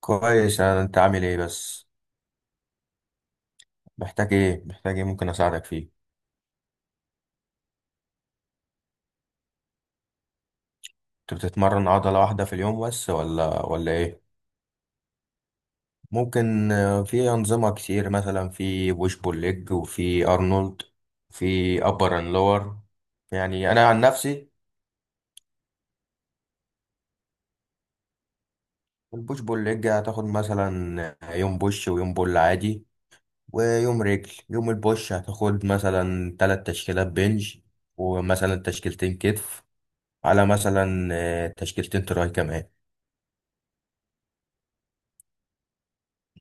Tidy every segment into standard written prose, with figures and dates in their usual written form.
كويس. انت عامل ايه بس؟ محتاج ايه ممكن اساعدك فيه؟ انت بتتمرن عضلة واحدة في اليوم بس ولا ايه؟ ممكن. في انظمة كتير، مثلا في بوش بول ليج، وفي ارنولد، في ابر اند لور. يعني انا عن نفسي، البوش بول ليج هتاخد مثلا يوم بوش ويوم بول عادي، ويوم رجل. يوم البوش هتاخد مثلا تلات تشكيلات بنج، ومثلا تشكيلتين كتف، على مثلا تشكيلتين تراي كمان.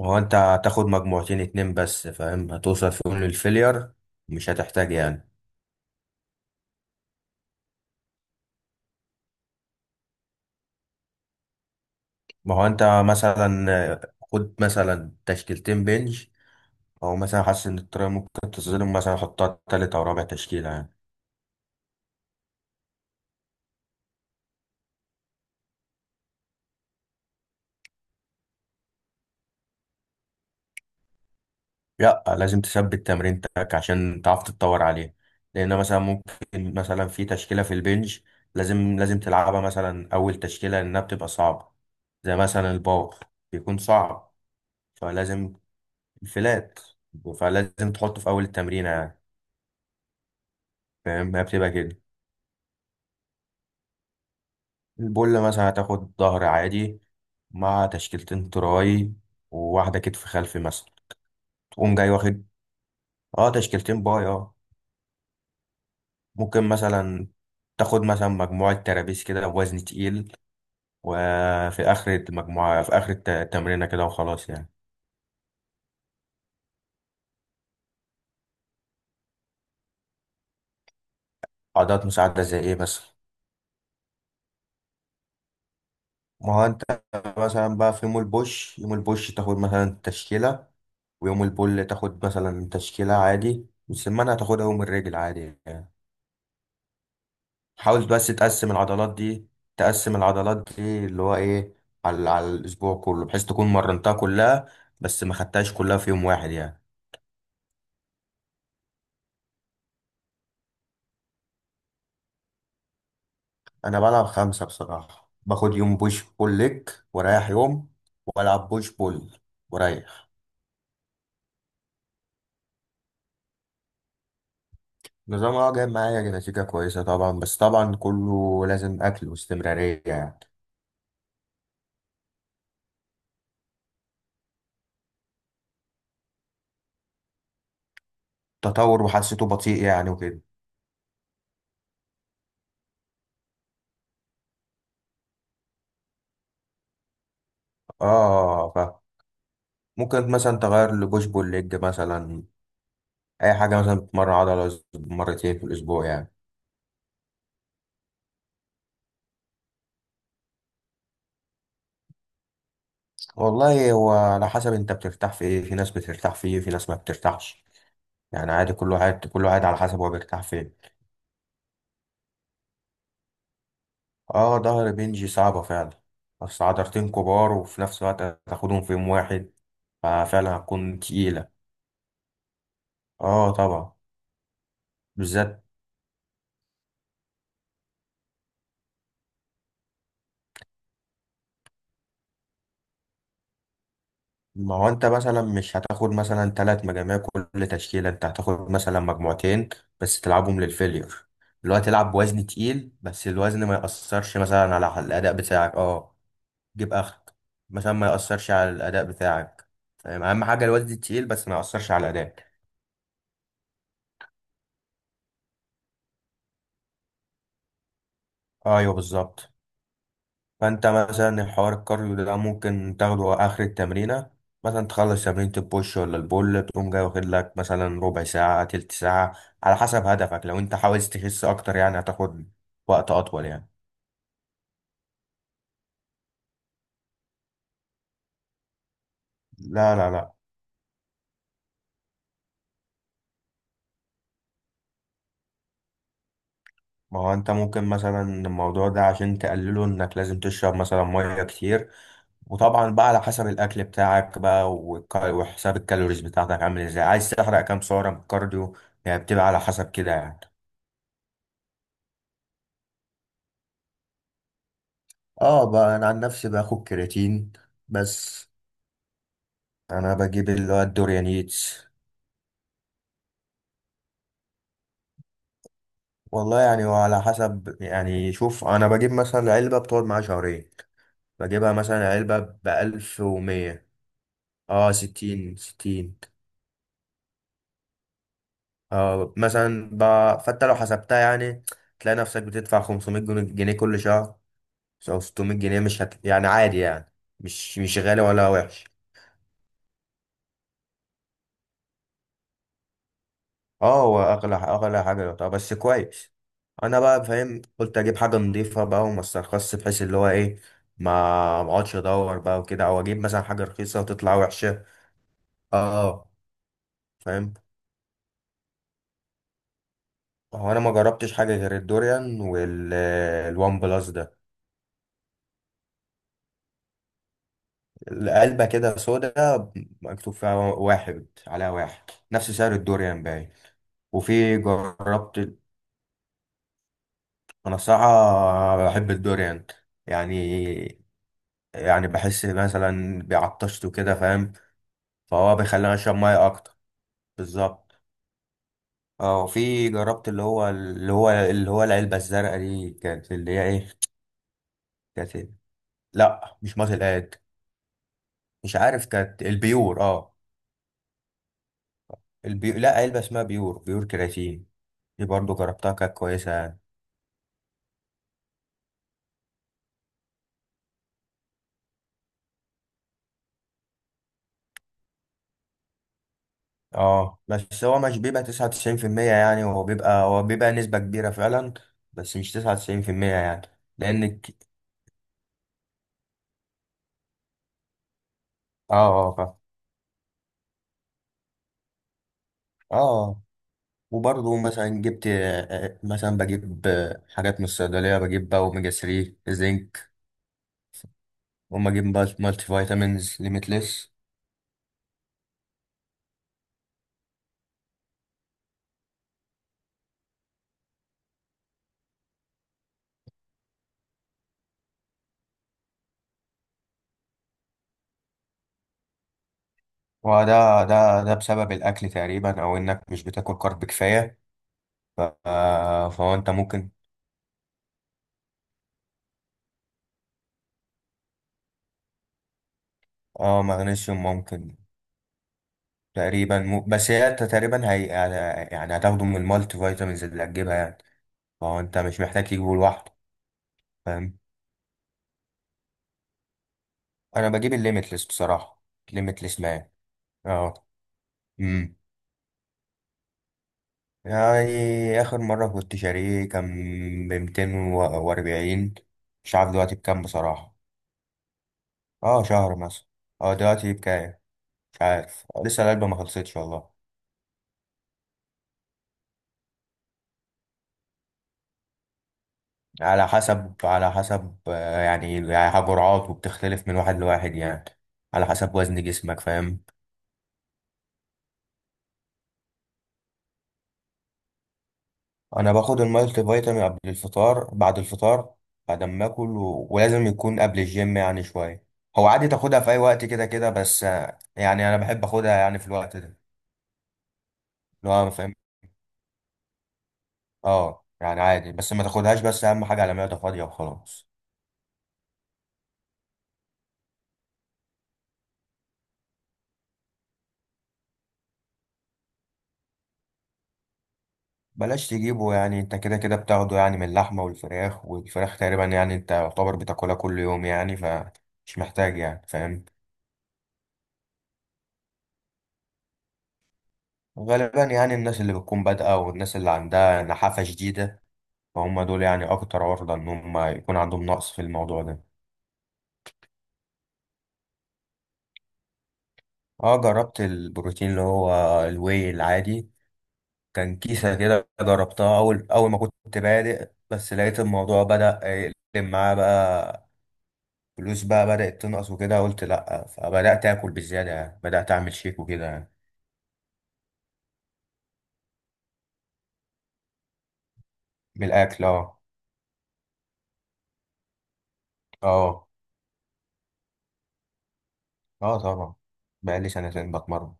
هو انت هتاخد مجموعتين اتنين بس، فاهم؟ هتوصل فيهم للفيلير، مش هتحتاج يعني. ما هو انت مثلا خد مثلا تشكيلتين بنج، او مثلا حاسس ان الطريقه ممكن تظلم، مثلا حطها تالت او رابع تشكيله يعني. لا، لازم تثبت تمرينتك عشان تعرف تتطور عليه. لان مثلا ممكن، مثلا في تشكيله في البنج، لازم لازم تلعبها مثلا اول تشكيله لانها بتبقى صعبه، زي مثلا الباور، بيكون صعب. فلازم... فلات. فلازم تحطه في أول التمرينة يعني. فاهم؟ هي بتبقى كده. البول مثلا هتاخد ظهر عادي، مع تشكيلتين تراي، وواحدة كتف خلفي مثلا. تقوم جاي واخد، اه تشكيلتين باي، اه. ممكن مثلا تاخد مثلا مجموعة ترابيس كده بوزن تقيل، وفي آخر المجموعة، في آخر التمرينة كده، وخلاص يعني. عضلات مساعدة زي ايه مثلا؟ ما هو انت مثلا بقى، في يوم البوش، يوم البوش تاخد مثلا تشكيلة، ويوم البول تاخد مثلا تشكيلة عادي، والسمانة هتاخدها يوم الرجل عادي يعني. حاول بس تقسم العضلات دي. تقسم العضلات دي اللي هو ايه، على الأسبوع كله، بحيث تكون مرنتها كلها، بس ما خدتهاش كلها في يوم واحد يعني. أنا بلعب خمسة بصراحة. باخد يوم بوش بول ليج ورايح يوم، وألعب بوش بول ورايح. نظام، اه، جايب معايا نتيجة كويسة طبعا، بس طبعا كله لازم أكل واستمرارية يعني. تطور وحسيته بطيء يعني وكده. اه، ممكن مثلا تغير لبوش بول ليج مثلا، اي حاجه مثلا بتمرن عضله مرتين في الاسبوع يعني. والله، هو على حسب انت بترتاح في ايه. في ناس بترتاح فيه، في ناس ما بترتاحش. يعني عادي، كل واحد كل واحد على حسب هو بيرتاح فين. اه، ظهر بنجي صعبه فعلا، بس عضلتين كبار وفي نفس الوقت هتاخدهم في يوم واحد، ففعلا هتكون تقيله. اه طبعا. بالذات. ما هو انت مثلا مش هتاخد مثلا ثلاث مجاميع كل تشكيلة، انت هتاخد مثلا مجموعتين بس تلعبهم للفيلير، اللي هو تلعب بوزن تقيل بس الوزن ما يأثرش مثلا على الأداء بتاعك. اه. جيب آخرك، مثلا ما يأثرش على الأداء بتاعك، فاهم؟ أهم حاجة الوزن التقيل بس ما يأثرش على الأداء. ايوه بالظبط. فانت مثلا الحوار الكارديو ده ممكن تاخده اخر التمرينه، مثلا تخلص تمرينة البوش ولا البول تقوم جاي واخد لك مثلا ربع ساعه، تلت ساعه، على حسب هدفك. لو انت عاوز تخس اكتر يعني هتاخد وقت اطول يعني. لا لا لا. ما هو انت ممكن مثلا الموضوع ده، عشان تقلله انك لازم تشرب مثلا ميه كتير. وطبعا بقى على حسب الاكل بتاعك بقى، وحساب الكالوريز بتاعتك عامل ازاي، عايز تحرق كام سعره من الكارديو، يعني بتبقى على حسب كده يعني. اه بقى انا عن نفسي باخد كرياتين. بس انا بجيب اللي هو الدوريانيتس. والله يعني، وعلى حسب يعني. شوف، انا بجيب مثلا علبة بتقعد معايا 2 شهور. بجيبها مثلا علبة ب1100. اه ستين ستين. اه مثلا فانت لو حسبتها يعني تلاقي نفسك بتدفع 500 جنيه جنيه كل شهر، او 600 جنيه. مش يعني عادي يعني، مش غالي ولا وحش. اه، هو اغلى اغلى حاجه. طب بس كويس. انا بقى فاهم، قلت اجيب حاجه نضيفه بقى وما استرخصش، بحيث اللي هو ايه، ما ما اقعدش ادور بقى وكده، او اجيب مثلا حاجه رخيصه وتطلع وحشه. اه فاهم. هو انا ما جربتش حاجه غير الدوريان والوان بلس ده. العلبه كده سودا، مكتوب فيها واحد، عليها واحد، نفس سعر الدوريان باين. وفي جربت. انا الصراحه بحب الدوريان يعني يعني بحس مثلا بعطشت وكده، فاهم؟ فهو بيخليني اشرب ميه اكتر. بالظبط. اه وفي جربت اللي هو العلبه الزرقاء دي، كانت اللي هي ايه؟ كانت إيه؟ لا مش ماسل اد. مش عارف، كانت البيور اه. لا، علبه اسمها بيور كرياتين. دي برضو جربتها كانت كويسه يعني. اه، بس هو مش بيبقى 99%، يعني هو بيبقى، نسبه كبيره فعلا، بس مش 99% يعني. لانك اه. اه فاهم. اه وبرضه مثلا جبت، مثلا بجيب، حاجات من الصيدلية. بجيب بقى أوميجا 3، زنك، وما أجيب بقى مالتي فيتامينز ليميتلس. وده ده ده بسبب الأكل تقريبا، أو إنك مش بتاكل كارب كفاية. فهو أنت ممكن. اه مغنيسيوم ممكن. تقريبا بس هي أنت تقريبا هي، يعني هتاخده من المالتي فيتامينز اللي هتجيبها يعني، فهو أنت مش محتاج تجيبه لوحده. فاهم. أنا بجيب الليميتلس بصراحة. ليميتلس مان. اه يعني آخر مرة كنت شاريه كان ب240. مش عارف دلوقتي بكام بصراحة. اه شهر مثلا. اه دلوقتي بكام؟ مش عارف لسه العلبة ما خلصتش والله. على حسب، يعني جرعات، وبتختلف من واحد لواحد يعني، على حسب وزن جسمك. فاهم؟ انا باخد المالتي فيتامين قبل الفطار، بعد الفطار، بعد ما اكل، ولازم يكون قبل الجيم يعني شوية. هو عادي تاخدها في اي وقت كده كده، بس يعني انا بحب اخدها يعني في الوقت ده. لو انا فاهم. اه يعني عادي، بس ما تاخدهاش، بس اهم حاجه على معده فاضيه وخلاص. بلاش تجيبه، يعني انت كده كده بتاخده يعني من اللحمه والفراخ تقريبا يعني، انت يعتبر بتاكلها كل يوم يعني، فمش محتاج يعني، فاهم؟ غالبا يعني الناس اللي بتكون بادئه والناس اللي عندها نحافه شديده، فهم دول يعني اكتر عرضه ان هم يكون عندهم نقص في الموضوع ده. اه جربت البروتين اللي هو الواي العادي. كان كيسة كده جربتها أول، أول ما كنت بادئ، بس لقيت الموضوع بدأ يقلب معاه بقى، فلوس بقى بدأت تنقص وكده، قلت لأ. فبدأت آكل بالزيادة يعني، بدأت أعمل شيك وكده يعني. من الأكل أه. أه. أه طبعا. بقالي 2 سنين بتمرن.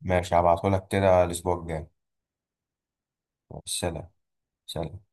ماشي هبعتهولك كده الأسبوع الجاي. سلام. سلام.